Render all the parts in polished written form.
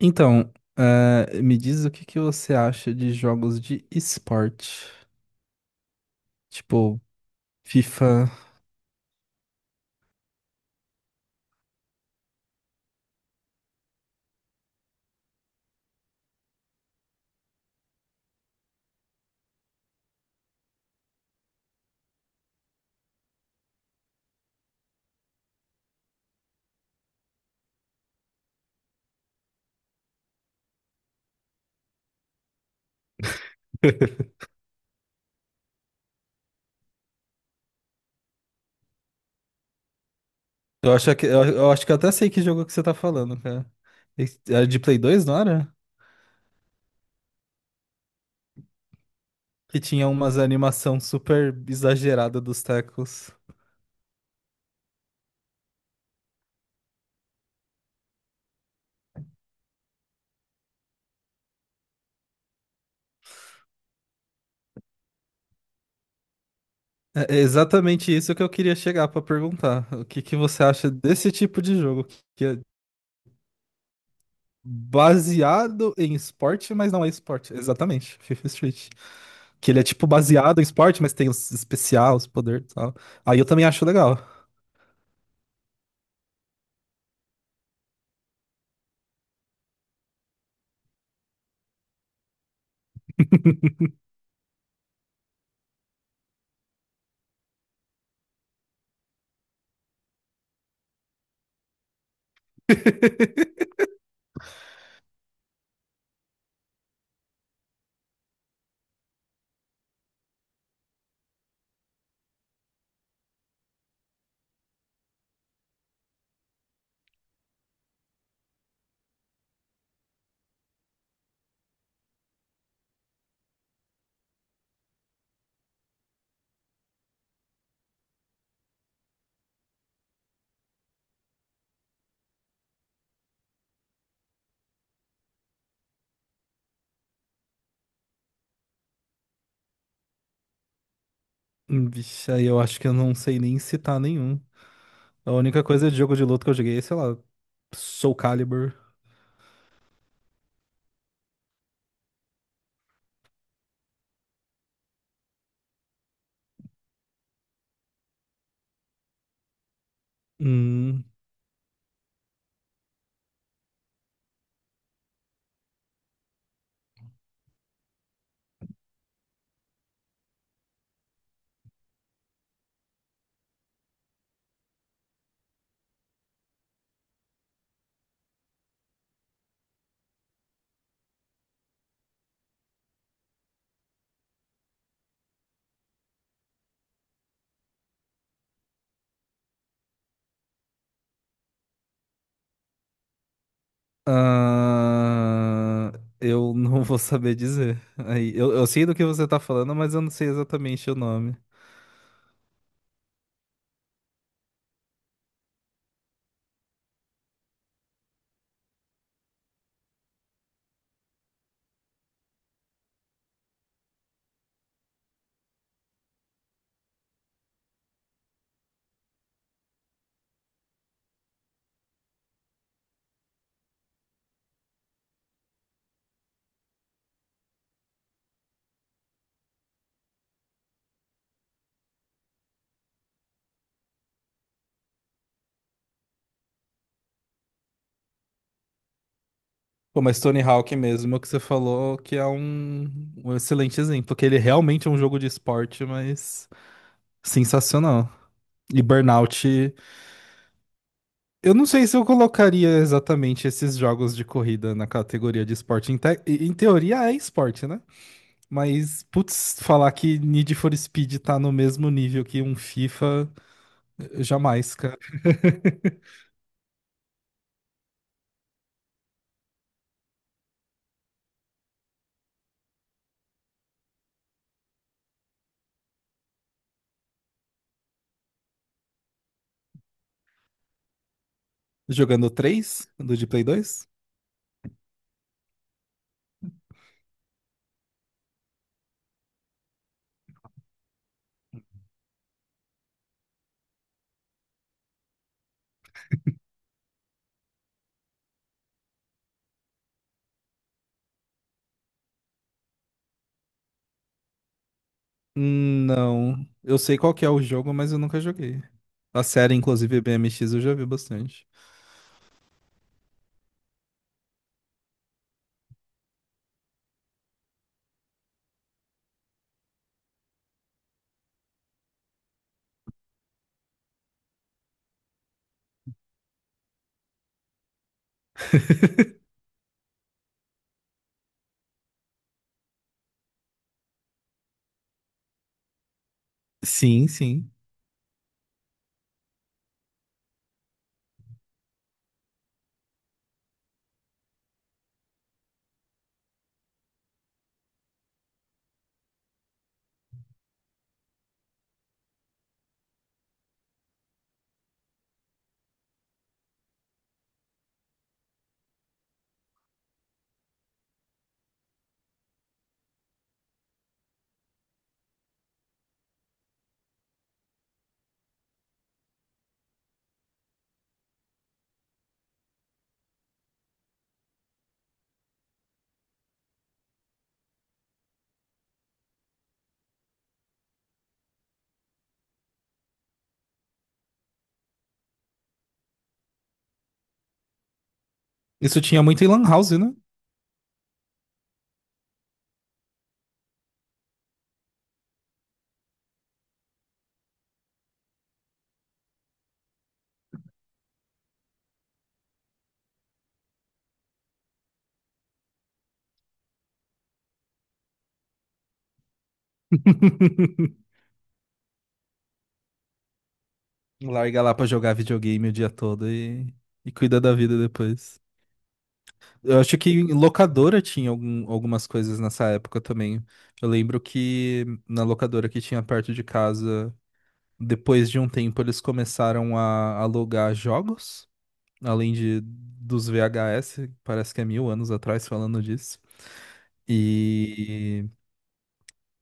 Então, me diz o que que você acha de jogos de esporte, tipo FIFA. Eu acho que, eu acho que eu até sei que jogo que você tá falando, cara. Era de Play 2, não era? Que tinha umas animação super exagerada dos tecos. É exatamente isso que eu queria chegar pra perguntar. O que que você acha desse tipo de jogo que é baseado em esporte, mas não é esporte? Exatamente, FIFA Street. Que ele é tipo baseado em esporte, mas tem os especial, os poderes e tal. Aí eu também acho legal. Vixe, aí eu acho que eu não sei nem citar nenhum. A única coisa de jogo de luta que eu joguei é, sei lá, Soul Calibur. Hum, ah, eu não vou saber dizer. Aí, eu sei do que você tá falando, mas eu não sei exatamente o nome. Pô, mas Tony Hawk mesmo, é o que você falou que é um, um excelente exemplo, que ele realmente é um jogo de esporte, mas sensacional. E Burnout, eu não sei se eu colocaria exatamente esses jogos de corrida na categoria de esporte. Em teoria é esporte, né? Mas, putz, falar que Need for Speed tá no mesmo nível que um FIFA, jamais, cara. Jogando 3, do de Play 2? Não. Eu sei qual que é o jogo, mas eu nunca joguei. A série, inclusive, BMX, eu já vi bastante. Sim, sim. Isso tinha muito em Lan House, né? Larga lá pra jogar videogame o dia todo e cuida da vida depois. Eu acho que em locadora tinha algumas coisas nessa época também. Eu lembro que na locadora que tinha perto de casa, depois de um tempo, eles começaram a alugar jogos, além de dos VHS. Parece que é mil anos atrás falando disso. E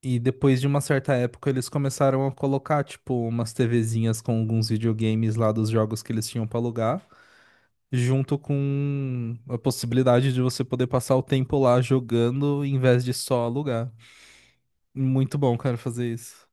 e depois de uma certa época, eles começaram a colocar, tipo, umas TVzinhas com alguns videogames lá dos jogos que eles tinham pra alugar, junto com a possibilidade de você poder passar o tempo lá jogando em vez de só alugar. Muito bom, cara, fazer isso.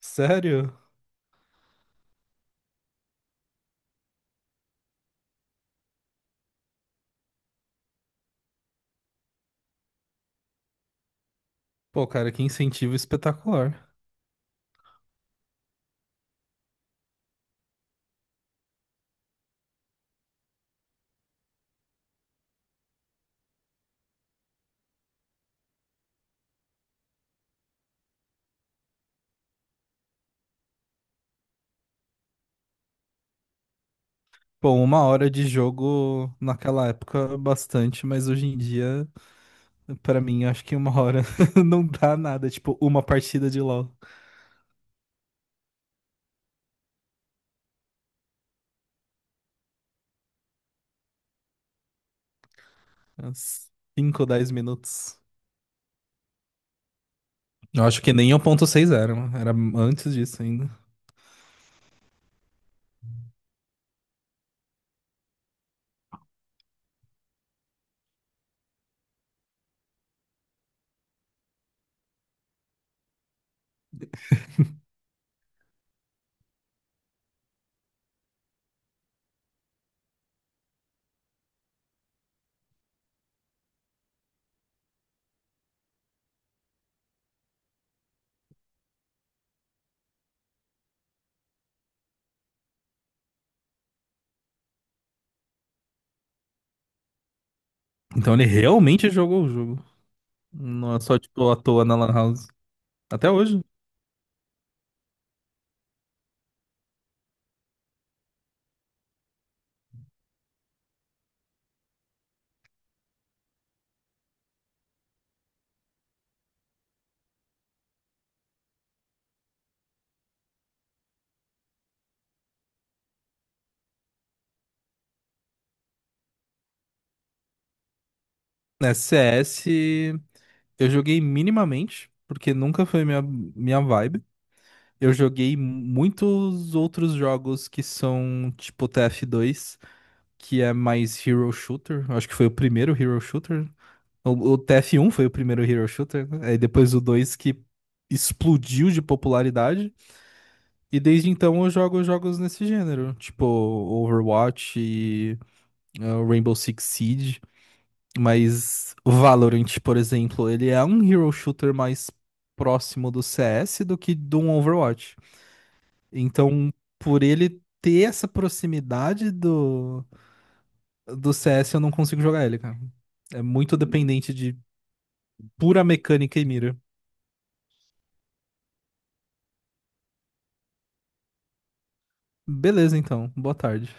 Sério? Pô, cara, que incentivo espetacular. Pô, uma hora de jogo naquela época, bastante, mas hoje em dia, pra mim, acho que uma hora não dá nada. Tipo, uma partida de LoL. Uns 5 ou 10 minutos. Eu acho que nem 1.6 era, mano. Era antes disso ainda. Então ele realmente jogou o jogo. Não é só, tipo, à toa na Lan House. Até hoje. Né, CS eu joguei minimamente, porque nunca foi minha, minha vibe. Eu joguei muitos outros jogos que são tipo TF2, que é mais hero shooter. Eu acho que foi o primeiro hero shooter. O tf um foi o primeiro hero shooter, né? Aí depois o 2 que explodiu de popularidade. E desde então eu jogo jogos nesse gênero, tipo Overwatch e Rainbow Six Siege. Mas o Valorant, por exemplo, ele é um hero shooter mais próximo do CS do que do Overwatch. Então, por ele ter essa proximidade do, CS, eu não consigo jogar ele, cara. É muito dependente de pura mecânica e mira. Beleza, então. Boa tarde.